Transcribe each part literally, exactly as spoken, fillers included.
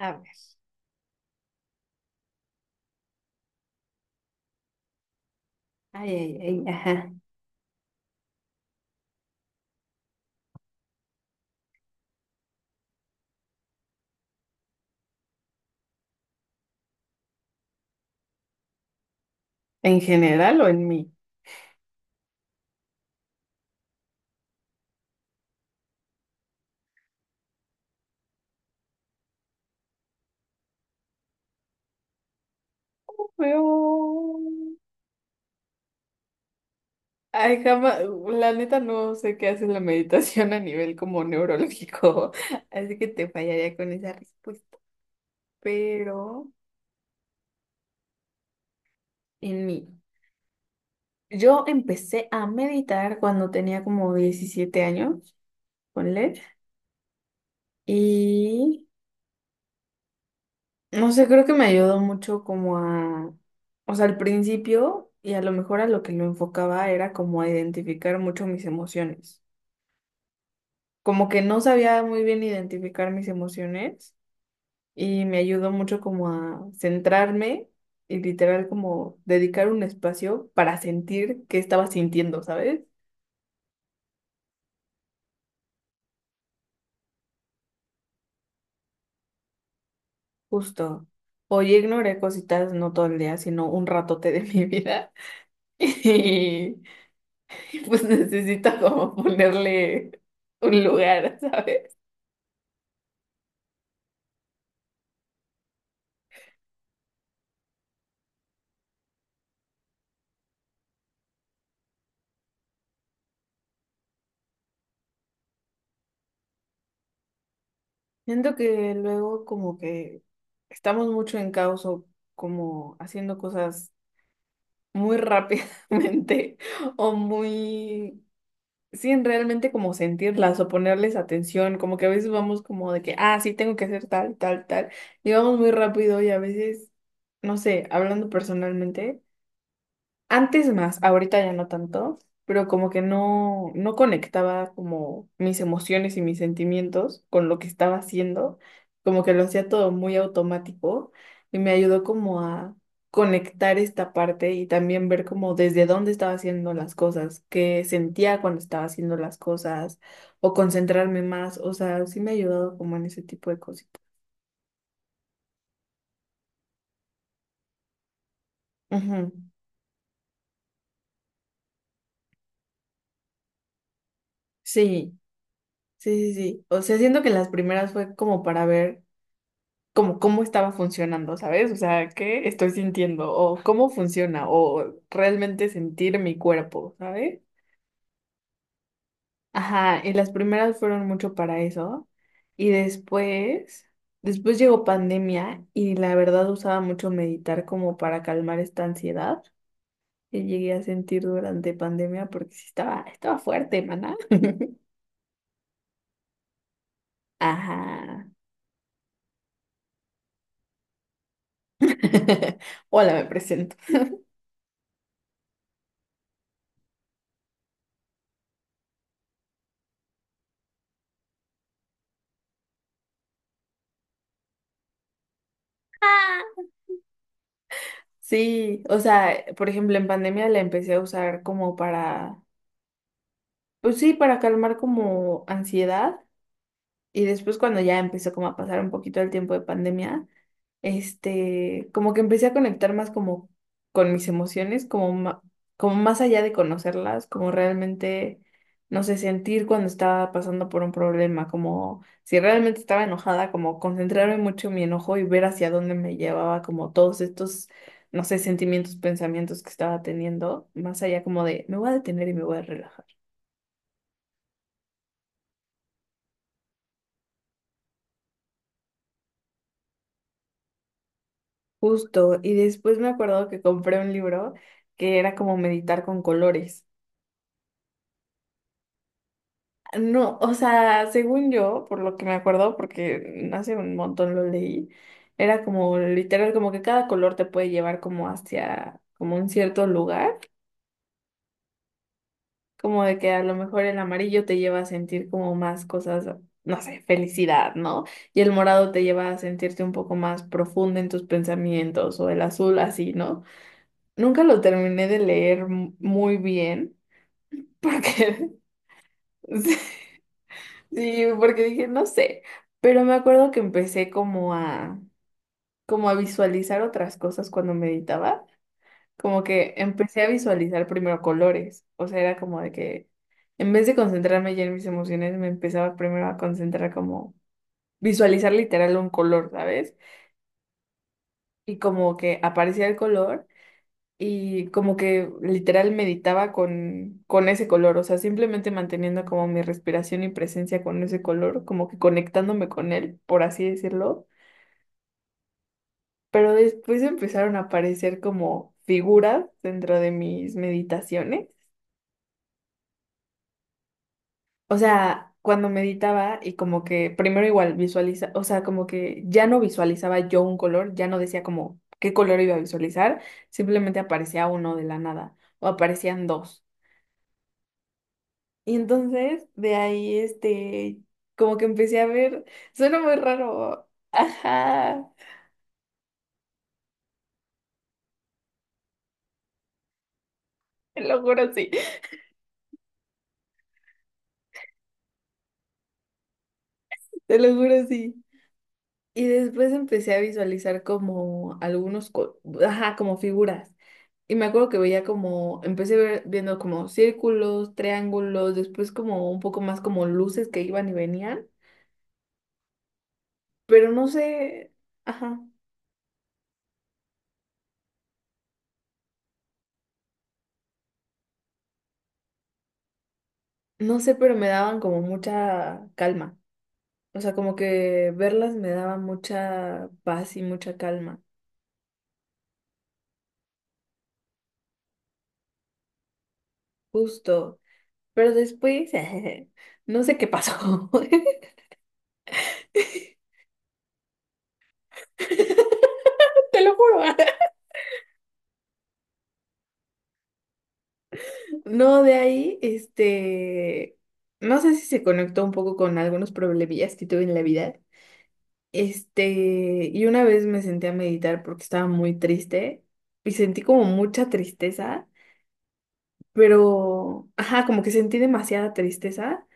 A ver. Ay, ay, ay, ajá. ¿En general o en mí? Veo. Ay, jamás. La neta no sé qué hace la meditación a nivel como neurológico. Así que te fallaría con esa respuesta. Pero en mí. Yo empecé a meditar cuando tenía como diecisiete años, ponle. Y no sé, creo que me ayudó mucho como a. O sea, al principio. Y a lo mejor a lo que lo enfocaba era como a identificar mucho mis emociones. Como que no sabía muy bien identificar mis emociones y me ayudó mucho como a centrarme y literal como dedicar un espacio para sentir qué estaba sintiendo, ¿sabes? Justo. O yo ignoré cositas no todo el día, sino un ratote de mi vida y pues necesito como ponerle un lugar, ¿sabes? Siento que luego como que estamos mucho en caos o como haciendo cosas muy rápidamente o muy sin realmente como sentirlas o ponerles atención, como que a veces vamos como de que, ah, sí, tengo que hacer tal, tal, tal, y vamos muy rápido y a veces, no sé, hablando personalmente. Antes más, ahorita ya no tanto, pero como que no, no conectaba como mis emociones y mis sentimientos con lo que estaba haciendo, como que lo hacía todo muy automático y me ayudó como a conectar esta parte y también ver como desde dónde estaba haciendo las cosas, qué sentía cuando estaba haciendo las cosas o concentrarme más, o sea, sí me ha ayudado como en ese tipo de cositas. Ujú. Sí, sí, sí, sí. O sea, siento que las primeras fue como para ver. Como cómo estaba funcionando, ¿sabes? O sea, ¿qué estoy sintiendo? O cómo funciona, o realmente sentir mi cuerpo, ¿sabes? Ajá, y las primeras fueron mucho para eso. Y después, después llegó pandemia y la verdad usaba mucho meditar como para calmar esta ansiedad que llegué a sentir durante pandemia porque sí estaba, estaba fuerte, maná. Ajá. Hola, me presento. Sí, o sea, por ejemplo, en pandemia la empecé a usar como para, pues sí, para calmar como ansiedad. Y después cuando ya empezó como a pasar un poquito el tiempo de pandemia, este, como que empecé a conectar más como con mis emociones, como, ma- como más allá de conocerlas, como realmente, no sé, sentir cuando estaba pasando por un problema, como si realmente estaba enojada, como concentrarme mucho en mi enojo y ver hacia dónde me llevaba como todos estos, no sé, sentimientos, pensamientos que estaba teniendo, más allá como de, me voy a detener y me voy a relajar. Justo, y después me acuerdo que compré un libro que era como meditar con colores. No, o sea, según yo, por lo que me acuerdo, porque hace un montón lo leí, era como literal, como que cada color te puede llevar como hacia, como un cierto lugar, como de que a lo mejor el amarillo te lleva a sentir como más cosas, no sé, felicidad, ¿no? Y el morado te lleva a sentirte un poco más profundo en tus pensamientos, o el azul así, ¿no? Nunca lo terminé de leer mu- muy bien. Porque, sí, sí, porque dije, no sé, pero me acuerdo que empecé como a, como a visualizar otras cosas cuando meditaba, como que empecé a visualizar primero colores, o sea, era como de que en vez de concentrarme ya en mis emociones, me empezaba primero a concentrar como visualizar literal un color, ¿sabes? Y como que aparecía el color. Y como que literal meditaba con, con ese color, o sea, simplemente manteniendo como mi respiración y presencia con ese color, como que conectándome con él, por así decirlo. Pero después empezaron a aparecer como figuras dentro de mis meditaciones. O sea, cuando meditaba y como que primero igual visualiza, o sea, como que ya no visualizaba yo un color, ya no decía como qué color iba a visualizar, simplemente aparecía uno de la nada o aparecían dos. Y entonces de ahí, este, como que empecé a ver, suena muy raro, ajá, te lo juro sí, te lo juro sí. Y después empecé a visualizar como algunos, co- ajá, como figuras. Y me acuerdo que veía como, empecé ver- viendo como círculos, triángulos, después como un poco más como luces que iban y venían, pero no sé, ajá, no sé, pero me daban como mucha calma. O sea, como que verlas me daba mucha paz y mucha calma, justo. Pero después, no sé qué pasó. Te lo juro. No, de ahí, este, no sé si se conectó un poco con algunos problemillas que tuve en la vida. Este, y una vez me senté a meditar porque estaba muy triste y sentí como mucha tristeza, pero, ajá, como que sentí demasiada tristeza.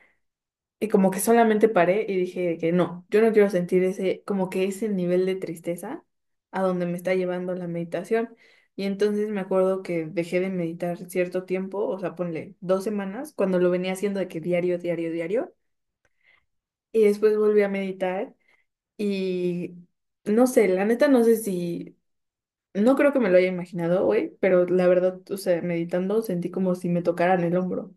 Y como que solamente paré y dije que no, yo no quiero sentir ese, como que ese nivel de tristeza a donde me está llevando la meditación. Y entonces me acuerdo que dejé de meditar cierto tiempo, o sea, ponle dos semanas, cuando lo venía haciendo de que diario, diario, diario. Y después volví a meditar y no sé, la neta no sé si, no creo que me lo haya imaginado hoy, pero la verdad, o sea, meditando sentí como si me tocaran el hombro.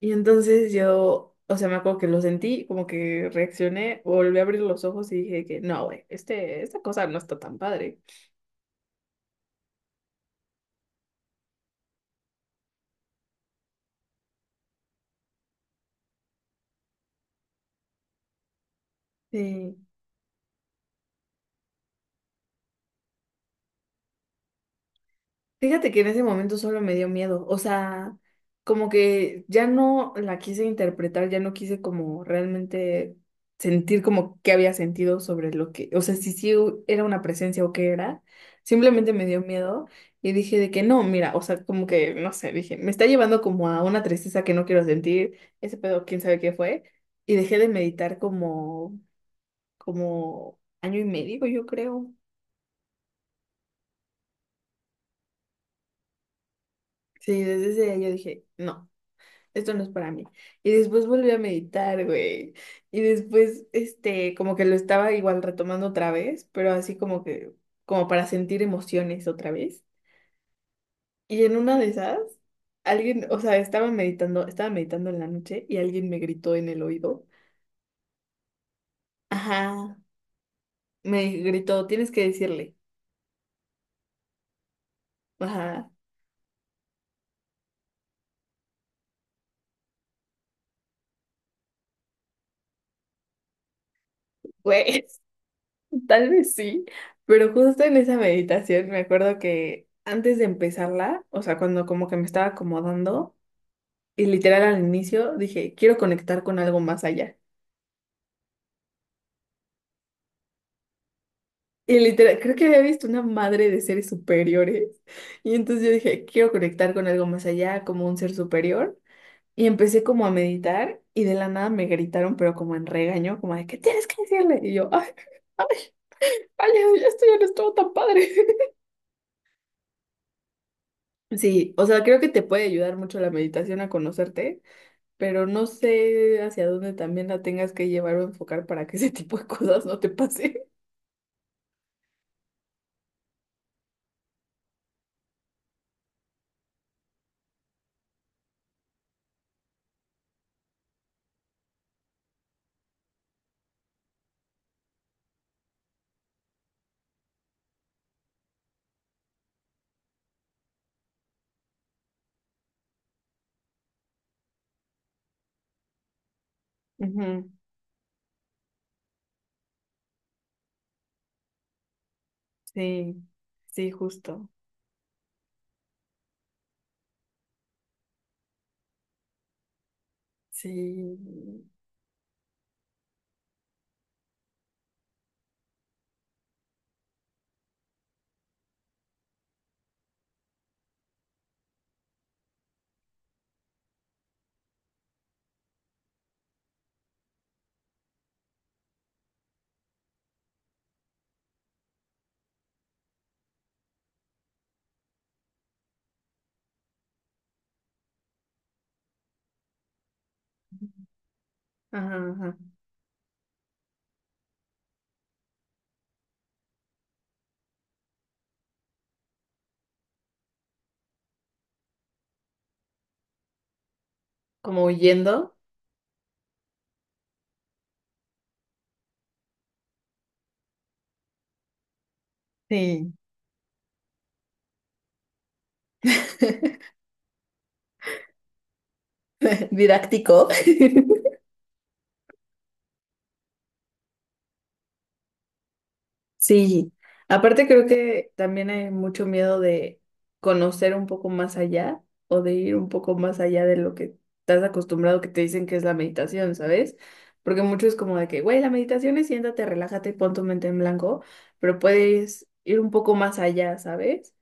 Y entonces yo, o sea, me acuerdo que lo sentí, como que reaccioné, volví a abrir los ojos y dije que no, güey, este, esta cosa no está tan padre. Sí. Fíjate que en ese momento solo me dio miedo, o sea, como que ya no la quise interpretar, ya no quise como realmente sentir como qué había sentido sobre lo que, o sea, si sí hu- era una presencia o qué era, simplemente me dio miedo y dije de que no, mira, o sea, como que, no sé, dije, me está llevando como a una tristeza que no quiero sentir, ese pedo, quién sabe qué fue, y dejé de meditar como, como año y medio, yo creo. Sí, desde ese día yo dije, no. Esto no es para mí. Y después volví a meditar, güey. Y después, este, como que lo estaba igual retomando otra vez, pero así como que, como para sentir emociones otra vez. Y en una de esas, alguien, o sea, estaba meditando, estaba meditando en la noche y alguien me gritó en el oído. Ajá, me gritó, tienes que decirle. Ajá, güey, tal vez sí, pero justo en esa meditación me acuerdo que antes de empezarla, o sea, cuando como que me estaba acomodando, y literal al inicio dije, quiero conectar con algo más allá. Y literal, creo que había visto una madre de seres superiores. Y entonces yo dije, quiero conectar con algo más allá, como un ser superior. Y empecé como a meditar y de la nada me gritaron, pero como en regaño, como de, ¿qué tienes que decirle? Y yo, ay, ay, ay, ya esto ya no estuvo tan padre. Sí, o sea, creo que te puede ayudar mucho la meditación a conocerte, pero no sé hacia dónde también la tengas que llevar o enfocar para que ese tipo de cosas no te pase. Ujú. Sí, sí, justo. Sí. Ajá, ajá. Como huyendo. Sí. Didáctico. Sí. Aparte creo que también hay mucho miedo de conocer un poco más allá o de ir un poco más allá de lo que estás acostumbrado que te dicen que es la meditación, ¿sabes? Porque mucho es como de que, güey, la meditación es siéntate, relájate, pon tu mente en blanco, pero puedes ir un poco más allá, ¿sabes?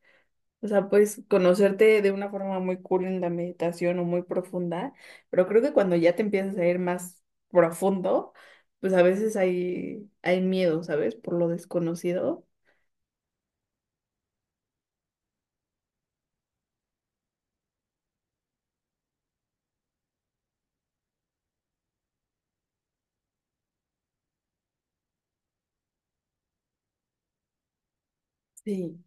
O sea, puedes conocerte de una forma muy cool en la meditación o muy profunda, pero creo que cuando ya te empiezas a ir más profundo, pues a veces hay, hay miedo, ¿sabes? Por lo desconocido. Sí,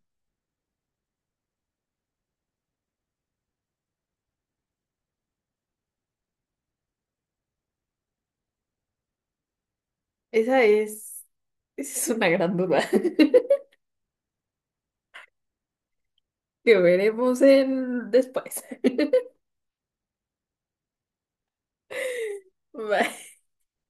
esa es, esa es una gran duda que veremos en después. Bye.